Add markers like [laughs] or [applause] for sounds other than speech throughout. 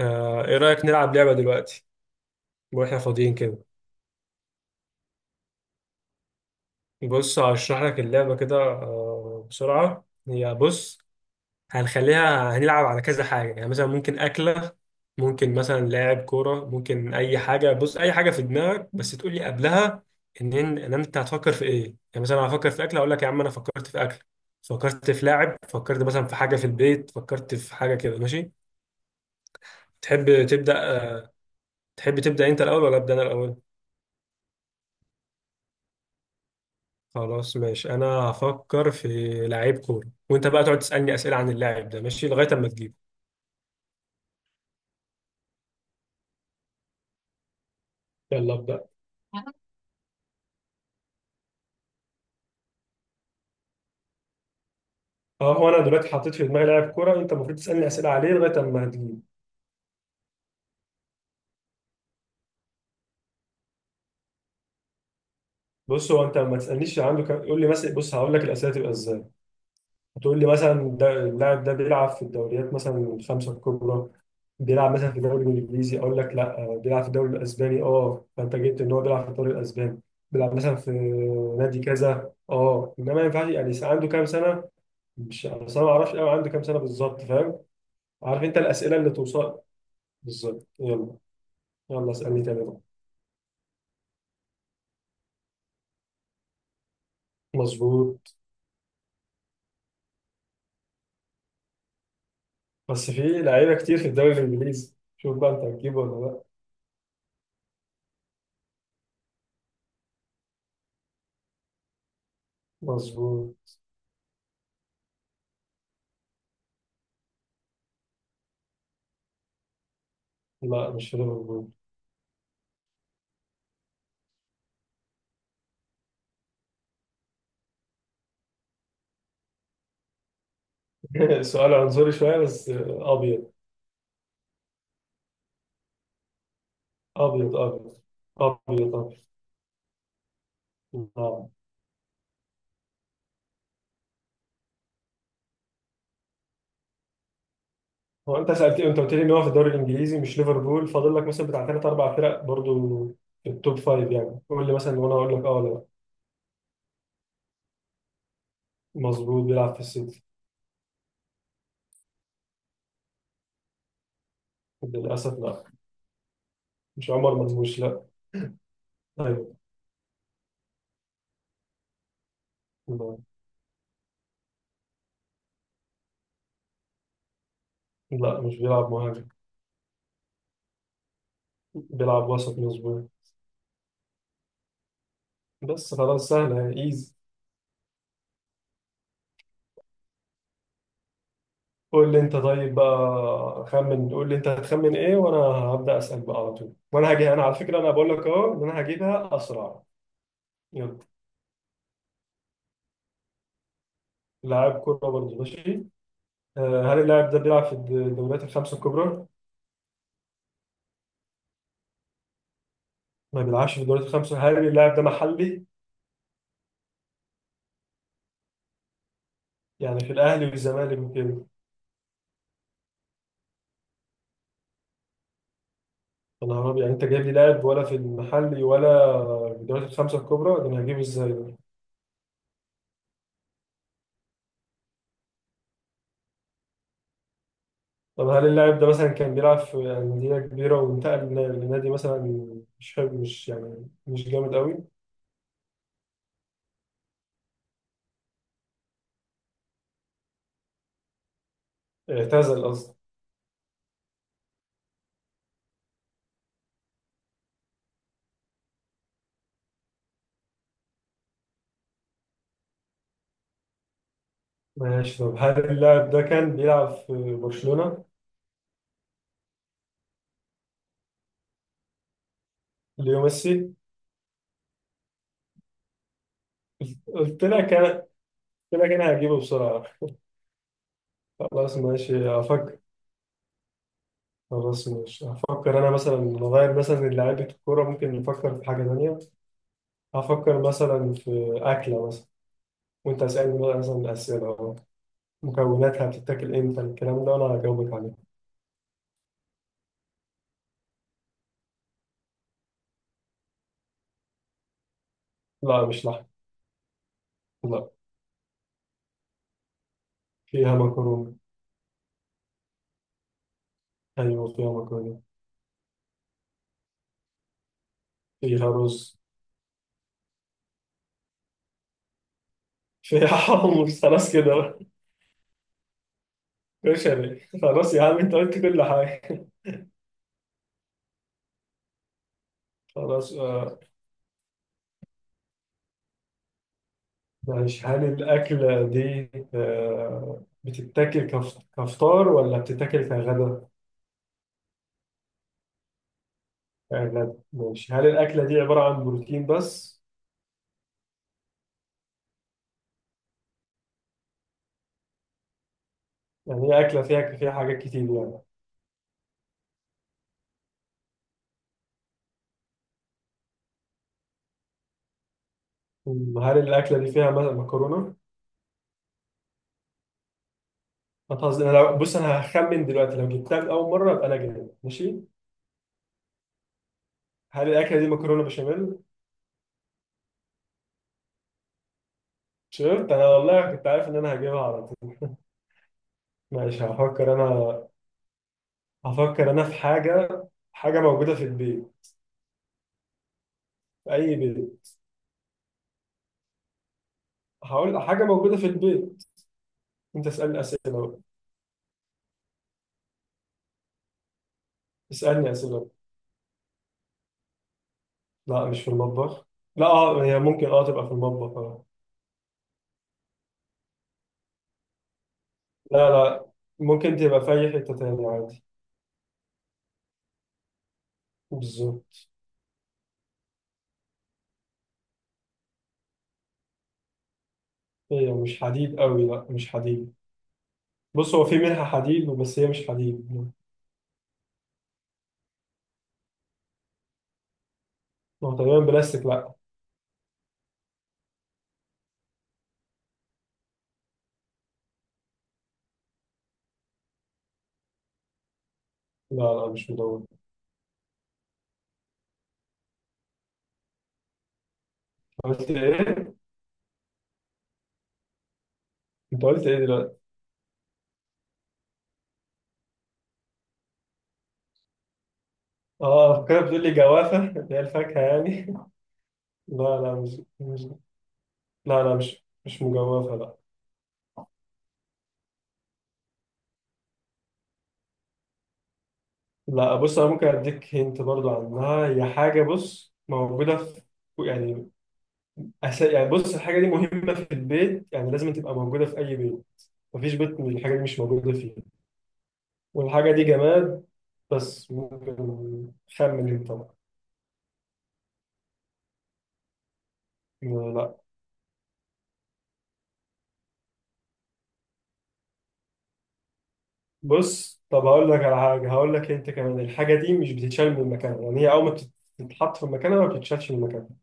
ايه رأيك نلعب لعبة دلوقتي واحنا فاضيين كده. بص، هشرح لك اللعبة كده، بسرعة. هي بص، هنخليها، هنلعب على كذا حاجة. يعني مثلا ممكن أكلة، ممكن مثلا لاعب كورة، ممكن أي حاجة. بص، أي حاجة في دماغك، بس تقول لي قبلها إن أنت هتفكر في إيه يعني. مثلا أنا هفكر في أكلة، أقول لك يا عم أنا فكرت في أكل، فكرت في لاعب، فكرت مثلا في حاجة في البيت، فكرت في حاجة كده، ماشي. تحب تبدأ آه، تحب تبدأ أنت الأول ولا أبدأ أنا الأول؟ خلاص ماشي. انا هفكر في لعيب كورة، وانت بقى تقعد تسألني أسئلة عن اللاعب ده، ماشي، لغاية اما تجيبه. يلا ابدأ. اه، هو انا دلوقتي حطيت في دماغي لاعب كورة، انت المفروض تسألني أسئلة عليه لغاية اما هتجيبه. بص، هو انت ما تسألنيش عنده كم. قول لي مثلا، بص هقول لك الأسئلة تبقى ازاي. هتقول لي مثلا ده اللاعب ده بيلعب في الدوريات مثلا الخمسة الكبرى. بيلعب مثلا في الدوري الانجليزي، اقول لك لا. بيلعب في الدوري الاسباني، اه. فانت جبت ان هو بيلعب في الدوري الاسباني. بيلعب مثلا في نادي كذا، اه. انما ما ينفعش يعني عنده كام سنة، مش بس انا ما اعرفش قوي عنده كام سنه بالظبط، فاهم؟ عارف انت الاسئله اللي توصل بالظبط. يلا. يلا اسالني تاني بقى. مظبوط. بس في لعيبه كتير في الدوري الانجليزي، شوف بقى انت هتجيبه ولا لا. مظبوط. لا، مش في ليفربول. [laughs] سؤال عنصري شويه بس، ابيض ابيض ابيض ابيض ابيض. نعم. هو انت سالت، انت قلت لي ان هو في الدوري الانجليزي مش ليفربول، فاضل لك مثلا بتاع ثلاث اربع فرق برضو في التوب فايف يعني. قول لي مثلا وانا اقول لك اه ولا لا. مظبوط، بيلعب في السيتي. للاسف لا. مش عمر مرموش، لا. ايوه. لا لا، مش بيلعب مهاجم. بيلعب وسط، مظبوط. بس خلاص، سهلة ايزي. قول لي انت طيب بقى، خمن. قول لي انت هتخمن ايه، وانا هبدأ اسأل بقى على طول. وانا هجي انا، على فكرة انا بقول لك اهو ان انا هجيبها اسرع. يلا. لاعب كرة برضه، ماشي. هل اللاعب ده بيلعب في الدوريات الخمسة الكبرى؟ ما بيلعبش في الدوريات الخمسة. هل اللاعب ده محلي؟ يعني في الاهلي والزمالك وكده. انا عربي يعني، انت جايب لي لاعب ولا في المحلي ولا في الدوريات الخمسه الكبرى؟ ده انا هجيبه ازاي ده؟ طب هل اللاعب ده مثلا كان بيلعب في انديه كبيره وانتقل لنادي مثلا مش حلو، مش يعني مش جامد قوي؟ اعتزل قصدي. ماشي. طب هل اللاعب ده كان بيلعب في برشلونه؟ ليو ميسي. قلت لك انا قلت لك انا هجيبه بسرعه. خلاص ماشي، هفكر. خلاص ماشي هفكر انا، مثلا نغير مثلا لعيبه الكوره، ممكن نفكر في حاجه ثانيه. هفكر مثلا في اكله مثلا. وانت اسألني بقى مثلا أسئلة أهو. مكوناتها، بتتاكل امتى، الكلام ده، وانا هجاوبك عليه. لا، مش لحم. لا. فيها مكرونة. ايوه فيها مكرونة. فيها رز. فيها [laughs] حمص. خلاص كده بقى. كشري. خلاص يا عم، انت قلت كل حاجة. خلاص، ماشي. هل الأكلة دي بتتاكل كفطار ولا بتتاكل كغدا؟ كغدا، ماشي. هل الأكلة دي عبارة عن بروتين بس؟ يعني هي أكلة فيها حاجات كتير يعني. مم، هل الأكلة دي فيها مثلا مكرونة؟ ما تهزر، انا بص انا هخمن دلوقتي، لو جبتها من اول مره يبقى انا جامد، ماشي. هل الاكله دي مكرونه بشاميل؟ شفت، انا والله كنت عارف ان انا هجيبها على طول. ماشي هفكر انا. هفكر انا في حاجه. حاجه موجوده في البيت. في اي بيت. هقول حاجه موجوده في البيت. انت اسالني اسئله بقى. اسالني اسئله. لا مش في المطبخ. لا اه، هي ممكن تبقى في المطبخ اه. لا لا، ممكن تبقى في اي حته تانية عادي. بالظبط. هي مش حديد قوي، لا مش حديد. بص، هو في منها حديد بس هي مش حديد. هو تقريبا بلاستيك، لا. لا لا، مش مدون. قلت ايه؟ انت قلت ايه دلوقتي؟ اه فكرة، بتقول لي جوافة [laughs] اللي هي الفاكهة يعني. [laughs] لا لا، مش. لا لا، مش مجوافة، لا. لا، بص انا ممكن اديك هنت برضو عنها. هي حاجة بص موجودة في يعني يعني بص الحاجة دي مهمة في البيت يعني، لازم تبقى موجودة في أي بيت. مفيش بيت من الحاجة دي مش موجودة فيه. والحاجة دي جماد بس ممكن. خمن انت بقى. لا. بص، طب هقول لك على حاجه، هقول لك انت كمان، الحاجه دي مش بتتشال من مكانها، يعني هي اول ما بتتحط في مكانها ما بتتشالش من مكانها.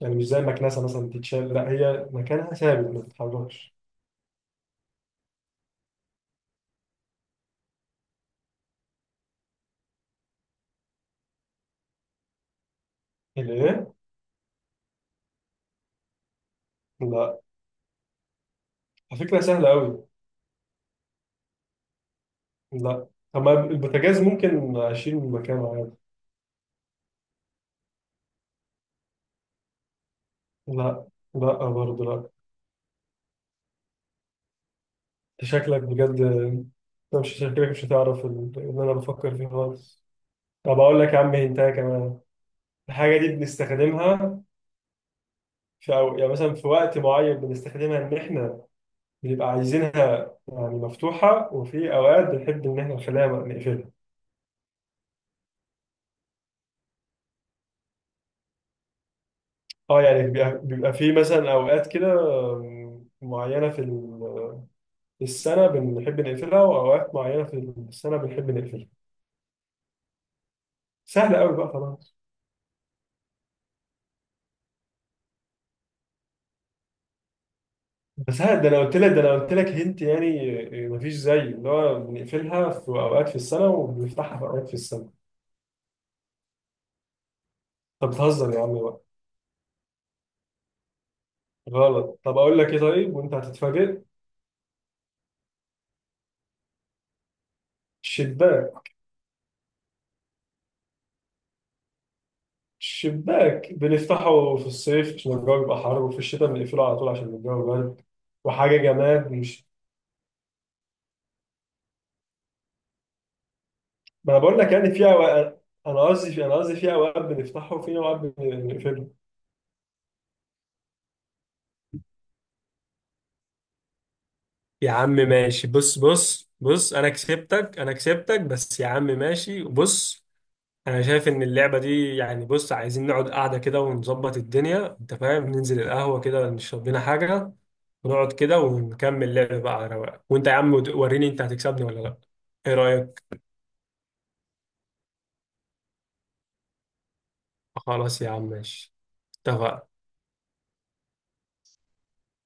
يعني مش زي المكنسه مثلا بتتشال، لا هي مكانها ثابت ما بتتحركش. الايه؟ لا، على فكره سهله قوي. لا، طب ما البوتاجاز ممكن اشيل من مكانه عادي. لا لا برضه، لا. انت مش شكلك مش هتعرف اللي انا بفكر فيه خالص. طب اقول لك يا عم هنتايه كمان. الحاجه دي بنستخدمها في يعني مثلا في وقت معين بنستخدمها ان احنا بيبقى عايزينها يعني مفتوحة، وفي أوقات بنحب إن إحنا نخليها نقفلها. أه يعني بيبقى في مثلا أوقات كده معينة في في السنة بنحب نقفلها، وأوقات معينة في السنة بنحب نقفلها. سهل قوي بقى خلاص. بس ها، ده انا قلت لك، هنت يعني. مفيش زي اللي هو بنقفلها في اوقات في السنه وبنفتحها في اوقات في السنه. طب بتهزر يا عم بقى. غلط. طب اقول لك ايه طيب، وانت هتتفاجئ. شباك. شباك بنفتحه في الصيف عشان الجو يبقى حر، وفي الشتاء بنقفله على طول عشان الجو برد. وحاجه جماد، مش. ما انا بقول لك يعني في اوقات، انا قصدي في اوقات بنفتحه وفي اوقات بنقفله. يا عم ماشي، بص بص بص، انا كسبتك انا كسبتك بس يا عم، ماشي بص. انا شايف ان اللعبه دي يعني، بص عايزين نقعد قاعده كده ونظبط الدنيا، انت فاهم، ننزل القهوه كده نشرب لنا حاجه ونقعد كده ونكمل لعب بقى على رواق. وانت يا عم وريني انت هتكسبني ولا لا. ايه رايك؟ خلاص يا عم، ماشي. اتفقنا.